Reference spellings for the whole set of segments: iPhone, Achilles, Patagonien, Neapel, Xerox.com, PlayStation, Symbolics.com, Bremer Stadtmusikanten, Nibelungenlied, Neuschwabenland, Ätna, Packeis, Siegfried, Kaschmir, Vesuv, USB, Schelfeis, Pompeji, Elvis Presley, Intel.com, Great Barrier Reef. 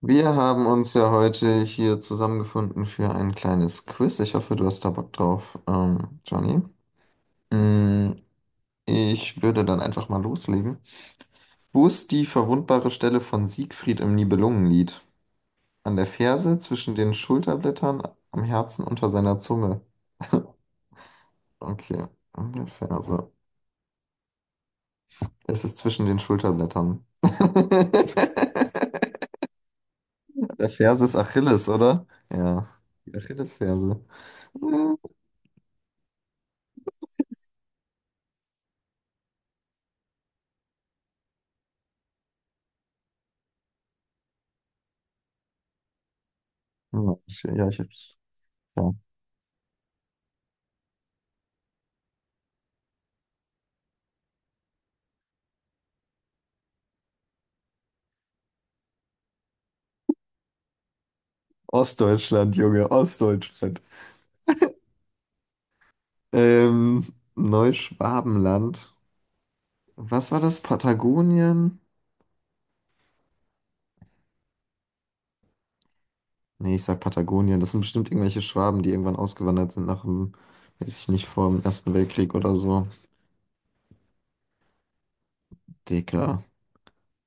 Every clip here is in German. Wir haben uns ja heute hier zusammengefunden für ein kleines Quiz. Ich hoffe, du hast da Bock drauf, Johnny. Mm, Ich würde dann einfach mal loslegen. Wo ist die verwundbare Stelle von Siegfried im Nibelungenlied? An der Ferse, zwischen den Schulterblättern, am Herzen, unter seiner Zunge. Okay, an der Ferse. Es ist zwischen den Schulterblättern. Der Ferse ist Achilles, oder? Ja, die Achillesferse. Ja, ich hab's. Ja. Ostdeutschland, Junge, Ostdeutschland. Ähm, Neuschwabenland. Was war das? Patagonien? Nee, ich sag Patagonien. Das sind bestimmt irgendwelche Schwaben, die irgendwann ausgewandert sind nach dem, weiß ich nicht, vor dem Ersten Weltkrieg oder so. Digga.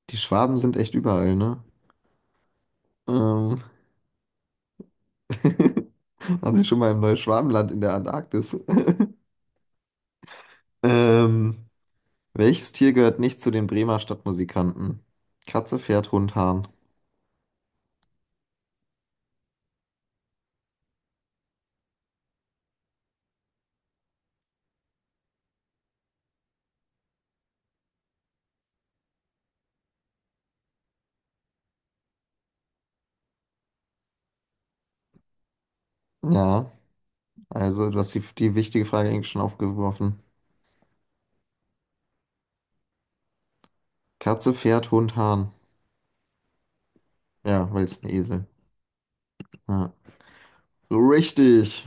Die Schwaben sind echt überall, ne? Ähm, Waren sie schon mal im Neuschwabenland in der Antarktis? Ähm, welches Tier gehört nicht zu den Bremer Stadtmusikanten? Katze, Pferd, Hund, Hahn. Ja, also du hast die wichtige Frage eigentlich schon aufgeworfen. Katze, Pferd, Hund, Hahn. Ja, weil es ein Esel. Ja. Richtig.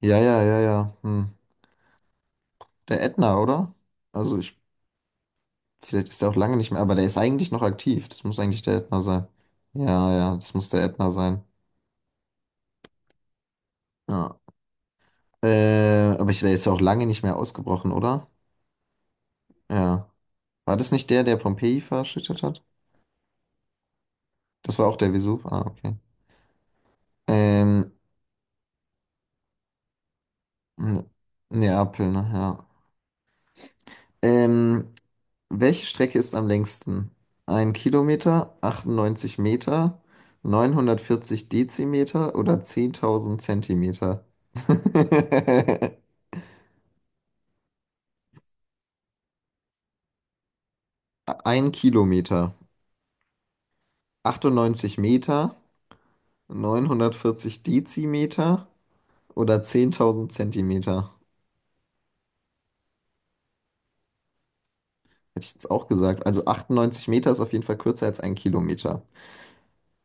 Ja, ja, ja, ja. Hm. Der Ätna, oder? Also vielleicht ist der auch lange nicht mehr, aber der ist eigentlich noch aktiv. Das muss eigentlich der Ätna sein. Ja, ja, das muss der Ätna sein. Ja. Aber der ist ja auch lange nicht mehr ausgebrochen, oder? Ja. War das nicht der, der Pompeji verschüttet hat? Das war auch der Vesuv. Ah, okay. Ähm, N- Neapel, ne? Ja. Ähm, welche Strecke ist am längsten? Ein Kilometer, 98 Meter, 940 Dezimeter oder 10.000 Zentimeter? Ein Kilometer, achtundneunzig Meter, neunhundertvierzig Dezimeter oder zehntausend Zentimeter? Hätte ich jetzt auch gesagt. Also 98 Meter ist auf jeden Fall kürzer als ein Kilometer.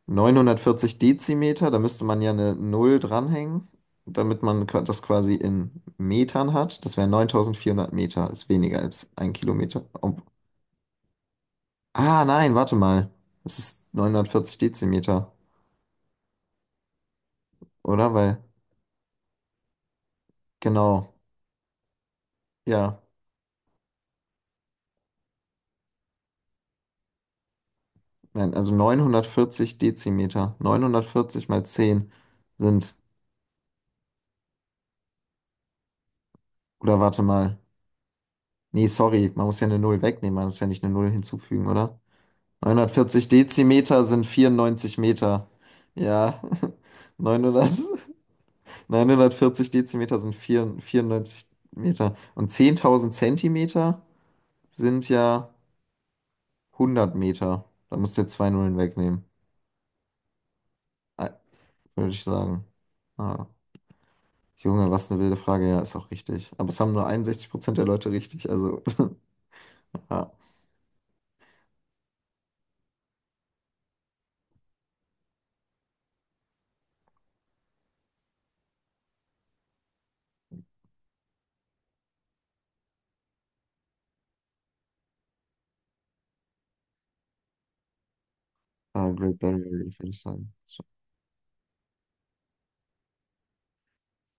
940 Dezimeter, da müsste man ja eine Null dranhängen, damit man das quasi in Metern hat. Das wären 9400 Meter, ist weniger als ein Kilometer. Ah, nein, warte mal. Es ist 940 Dezimeter, oder? Weil, genau, ja, nein, also 940 Dezimeter. 940 mal 10 sind, oder warte mal. Nee, sorry, man muss ja eine Null wegnehmen, man muss ja nicht eine Null hinzufügen, oder? 940 Dezimeter sind 94 Meter. Ja, 900 940 Dezimeter sind 4,94 Meter. Und 10.000 Zentimeter sind ja 100 Meter. Da musst du jetzt zwei Nullen wegnehmen. Ei, würde ich sagen. Ah, Junge, was eine wilde Frage. Ja, ist auch richtig. Aber es haben nur 61% der Leute richtig. Also, ja. Ah, Great Barrier Reef, würde ich sagen. So.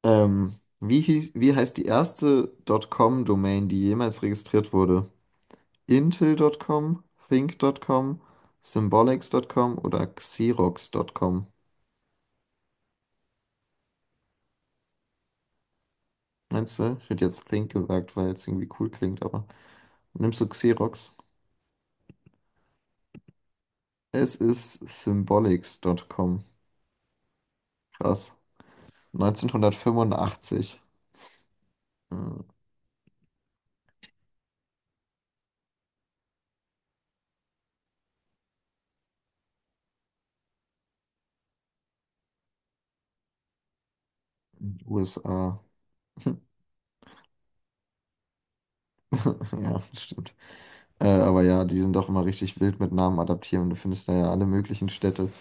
Ähm, wie heißt die erste .com-Domain, die jemals registriert wurde? Intel.com, Think.com, Symbolics.com oder Xerox.com. Meinst du? Ich hätte jetzt Think gesagt, weil es irgendwie cool klingt, aber nimmst du Xerox? Es ist Symbolics.com. Krass. 1985. Hm, USA. Ja, stimmt. Aber ja, die sind doch immer richtig wild mit Namen adaptieren. Du findest da ja alle möglichen Städte.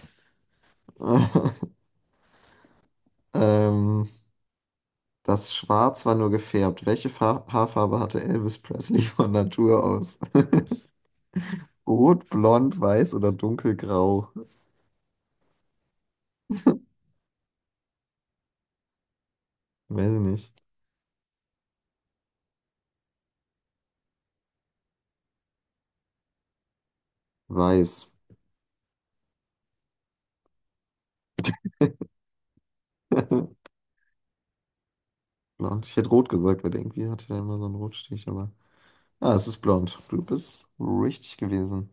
Ähm, das Schwarz war nur gefärbt. Welche Fa Haarfarbe hatte Elvis Presley von Natur aus? Rot, blond, weiß oder dunkelgrau? Weiß ich nicht. Weiß. Blond. Ich hätte rot gesagt, weil irgendwie hatte er immer so einen Rotstich, aber. Ah, es ist blond. Du bist richtig gewesen.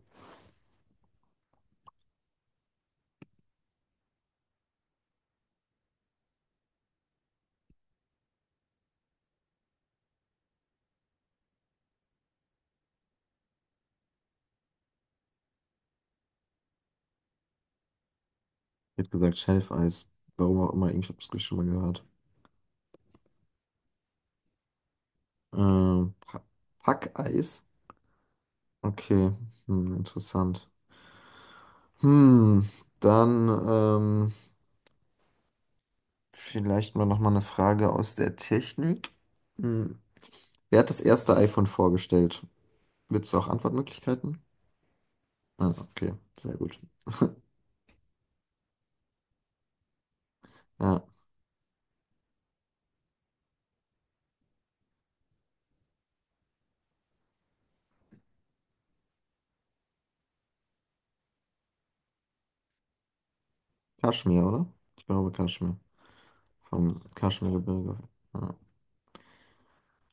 Ich hätte gesagt Schelfeis. Warum auch immer, ich habe es schon mal gehört. Ähm, Pa- Packeis? Okay, interessant. Hm, dann ähm, vielleicht mal nochmal eine Frage aus der Technik. Hm. Wer hat das erste iPhone vorgestellt? Willst du auch Antwortmöglichkeiten? Ah, okay, sehr gut. Ja, Kaschmir, oder? Ich glaube Kaschmir. Vom Kaschmirgebirge. Ja.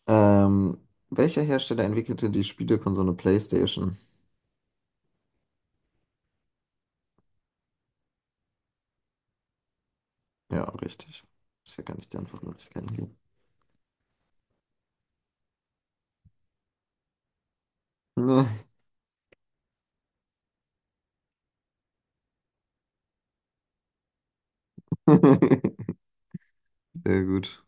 Ähm, welcher Hersteller entwickelte die Spielekonsole PlayStation? Ja, richtig. Ist ja gar nicht die Antwort, nur ich kann geben. Ne. Sehr gut.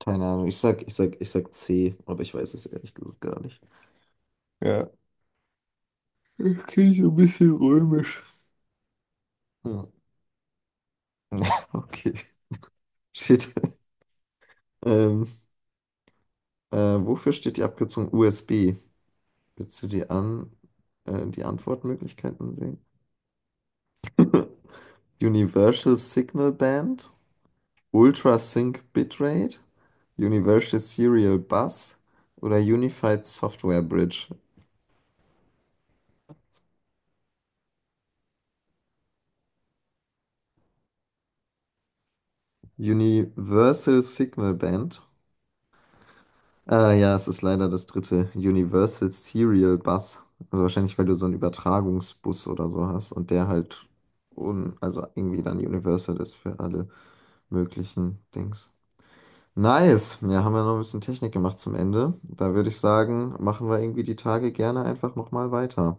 Keine Ahnung. Ich sag C, aber ich weiß es ehrlich gesagt gar nicht. Ja. Ich kriege so ein bisschen römisch. Hm. Okay. Steht. Ähm, wofür steht die Abkürzung USB? Willst du die Antwortmöglichkeiten sehen? Universal Signal Band, Ultra Sync Bitrate, Universal Serial Bus oder Unified Software Bridge. Universal Signal Band. Ah ja, es ist leider das dritte. Universal Serial Bus. Also wahrscheinlich, weil du so einen Übertragungsbus oder so hast und der halt un also irgendwie dann Universal ist für alle möglichen Dings. Nice. Ja, haben wir noch ein bisschen Technik gemacht zum Ende. Da würde ich sagen, machen wir irgendwie die Tage gerne einfach nochmal weiter.